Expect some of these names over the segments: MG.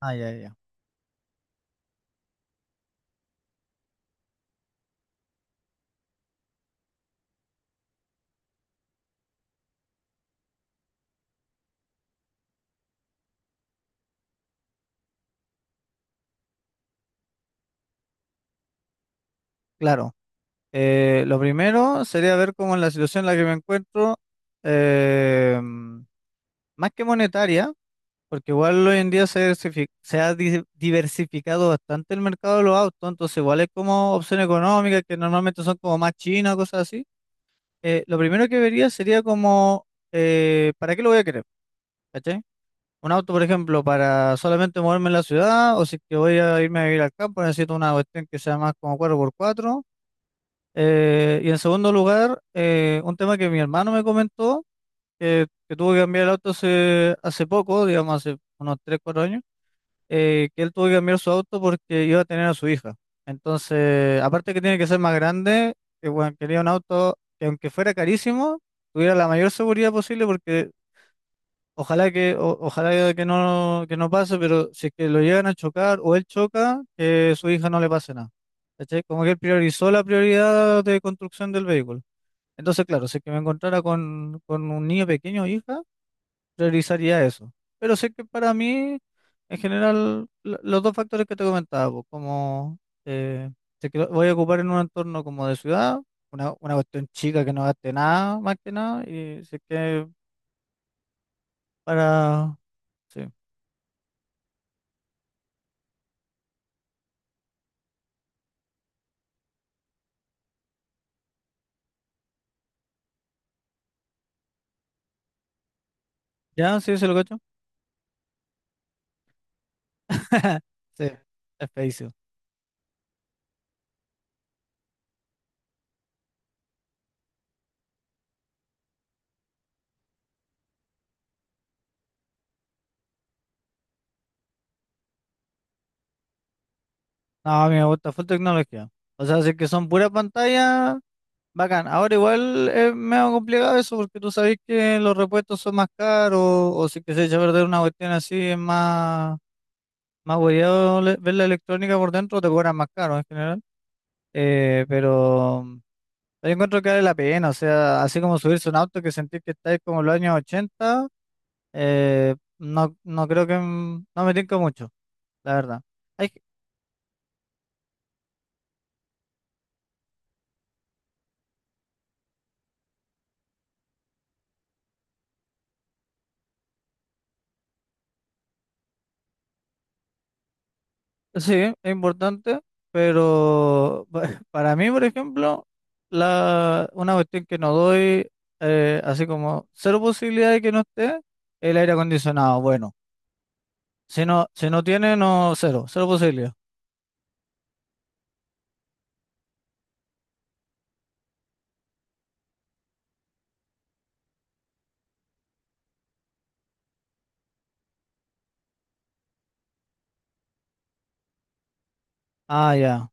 Ah, ya, ya. Claro. Lo primero sería ver cómo es la situación en la que me encuentro, más que monetaria, porque igual hoy en día se ha diversificado bastante el mercado de los autos, entonces igual es como opción económica, que normalmente son como más chinas, cosas así. Lo primero que vería sería como, ¿para qué lo voy a querer? ¿Cachai? Un auto, por ejemplo, para solamente moverme en la ciudad, o si es que voy a irme a vivir al campo, necesito una cuestión que sea más como cuatro por cuatro. Y en segundo lugar, un tema que mi hermano me comentó, que tuvo que cambiar el auto hace poco, digamos hace unos 3 4 años, que él tuvo que cambiar su auto porque iba a tener a su hija. Entonces, aparte que tiene que ser más grande, que bueno, quería un auto que aunque fuera carísimo, tuviera la mayor seguridad posible porque ojalá que no pase, pero si es que lo llegan a chocar o él choca, que su hija no le pase nada. ¿Cachai? Como que él priorizó la prioridad de construcción del vehículo. Entonces, claro, si es que me encontrara con un niño pequeño o hija, realizaría eso. Pero sé que para mí, en general, los dos factores que te comentaba, pues, como eh, si es que lo voy a ocupar en un entorno como de ciudad, una cuestión chica que no gaste nada, más que nada, y sé que para. Sí, ya, sí, se lo cacho. Sí, es feísimo. No, a mí me gusta full tecnología. O sea, si es que son puras pantallas. Bacán. Ahora igual es medio complicado eso porque tú sabes que los repuestos son más caros o si que se echa a perder una cuestión así es más hueveado ver la electrónica por dentro te cobran más caro en general. Pero yo encuentro que vale la pena, o sea, así como subirse a un auto que sentís que estáis como en los años 80, eh, no creo que no me tinca mucho, la verdad. Hay Sí, es importante, pero para mí, por ejemplo, una cuestión que no doy, así como cero posibilidad de que no esté, el aire acondicionado. Bueno, si no, si no tiene, no, cero, cero posibilidad. Ah, ya.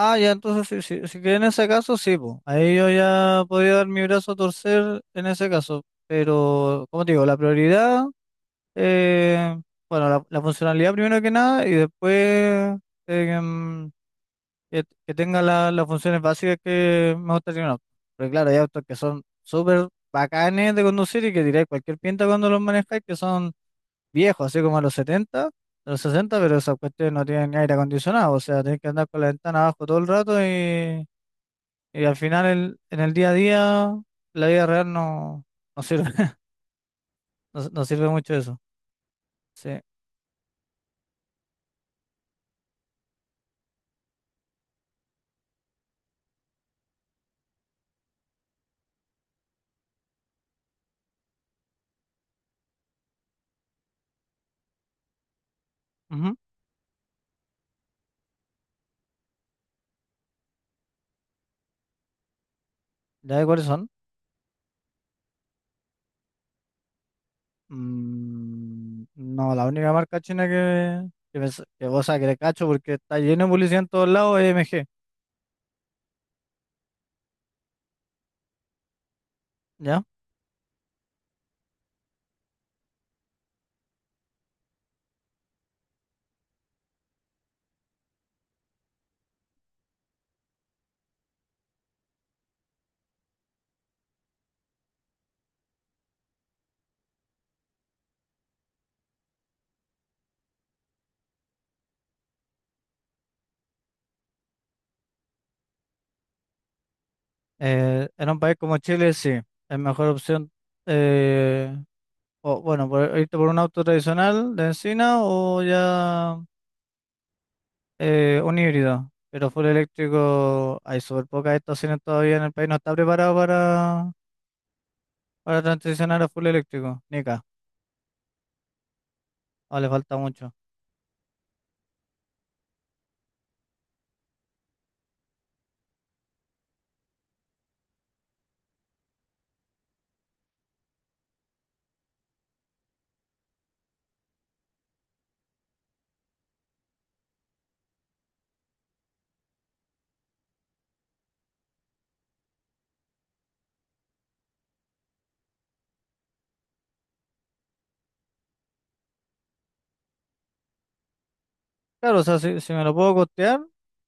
Ah, ya, entonces si que en ese caso, sí, po. Ahí yo ya podía dar mi brazo a torcer en ese caso. Pero, como te digo, la prioridad, eh, bueno, la funcionalidad primero que nada y después. em, que tenga las funciones básicas que me gustaría en un auto. Pero claro, hay autos que son súper bacanes de conducir y que diréis cualquier pinta cuando los manejáis, que son viejos, así como a los 70, a los 60, pero esas cuestiones no tienen ni aire acondicionado, o sea, tenés que andar con la ventana abajo todo el rato y al final en el día a día, la vida real no sirve, no sirve mucho eso. Sí. Ujú. ¿Ya de cuáles son? No, la única marca china que, me s- que, o sea, que le cacho porque está lleno de publicidad en todos lados es MG, ¿ya? En un país como Chile, sí, es mejor opción, eh, o, bueno, irte por un auto tradicional de encina o ya un híbrido, pero full eléctrico, hay súper pocas estaciones todavía en el país, no está preparado para transicionar a full eléctrico, ni acá, o le falta mucho. Claro, o sea, si me lo puedo costear,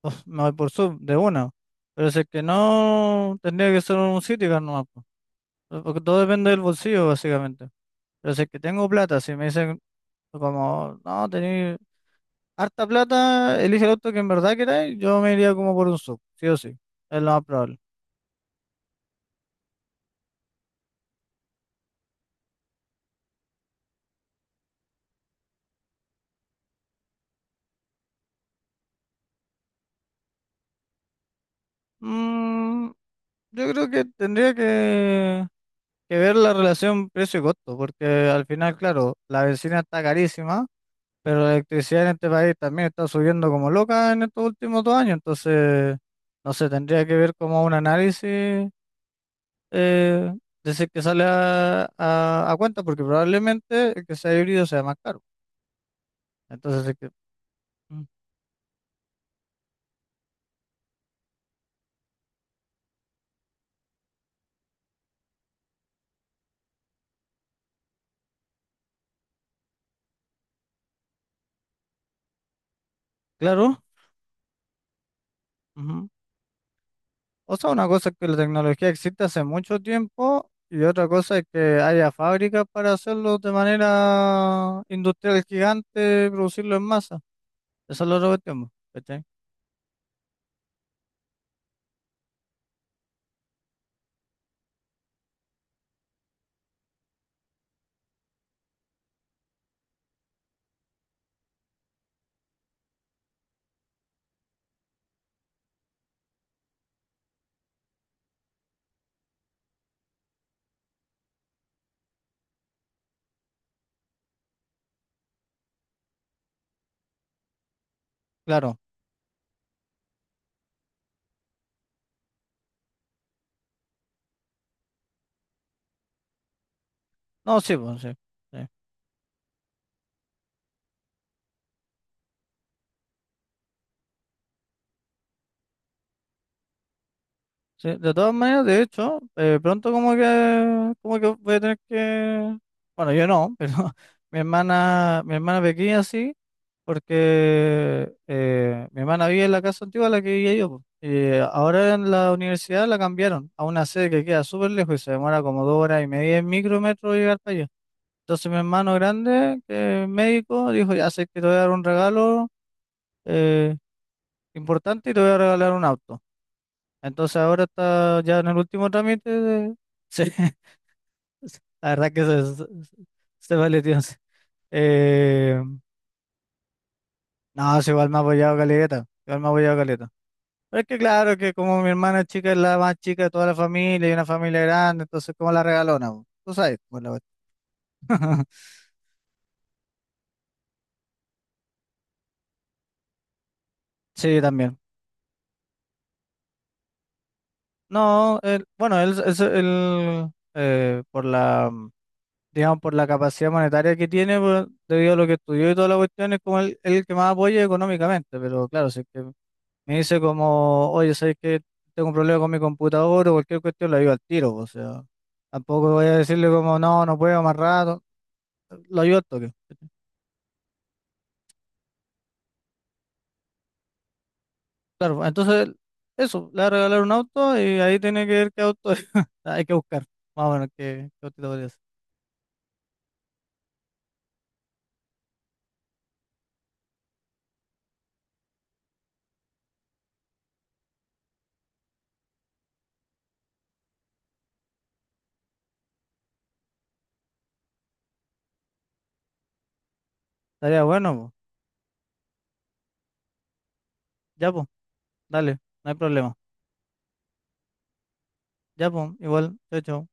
pues me voy por sub de una. Pero si es que no, tendría que ser un Citicar nomás, po. Porque todo depende del bolsillo, básicamente. Pero si es que tengo plata, si me dicen como, no, tenéis harta plata, elige el auto que en verdad queráis, yo me iría como por un sub, sí o sí. Es lo más probable. Mm, yo creo que tendría que ver la relación precio y costo, porque al final, claro, la benzina está carísima. Pero la electricidad en este país también está subiendo como loca en estos últimos 2 años, entonces, no sé, tendría que ver como un análisis, eh, de si que sale a cuenta, porque probablemente el que sea híbrido sea más caro. Entonces, si es que, mm, claro, ujú. O sea, una cosa es que la tecnología existe hace mucho tiempo y otra cosa es que haya fábricas para hacerlo de manera industrial gigante, producirlo en masa. Esa es la otra cuestión, po, ¿cachai? Claro, no, sí, pues sí. Sí. Sí, de todas maneras, de hecho, pronto como que voy a tener que, bueno, yo no, pero mi hermana pequeña sí, porque mi hermana vive en la casa antigua en la que vivía yo. Po. Y ahora en la universidad la cambiaron a una sede que queda súper lejos y se demora como 2 horas y media en micrometro llegar para allá. Entonces mi hermano grande, que es médico, dijo, ya sé que te voy a dar un regalo eh, importante y te voy a regalar un auto. Entonces ahora está ya en el último trámite de. Sí, la verdad que se vale, tío. Sí. Eh, no, sí, igual me ha apoyado Caleta, igual me ha apoyado Caleta. Pero es que claro que como mi hermana chica es la más chica de toda la familia y una familia grande, entonces como la regalona, po, tú sabes, cómo la cuestión. Sí, también. No, bueno, él, es por la, digamos, por la capacidad monetaria que tiene, debido a lo que estudió y toda la cuestión, es como el que más apoya económicamente. Pero claro, si es que me dice como, oye, ¿sabes que tengo un problema con mi computador o cualquier cuestión? Lo ayudo al tiro. Pues, o sea, tampoco voy a decirle como, no, no puedo más rato, lo ayudo al toque. Claro, pues, entonces, eso, le va a regalar un auto y ahí tiene que ver qué auto es. Hay que buscar, más o menos, qué, qué autito podría ser. Estaría bueno, po. Ya, pues, dale, no hay problema. Ya, pues, igual, chao, chao.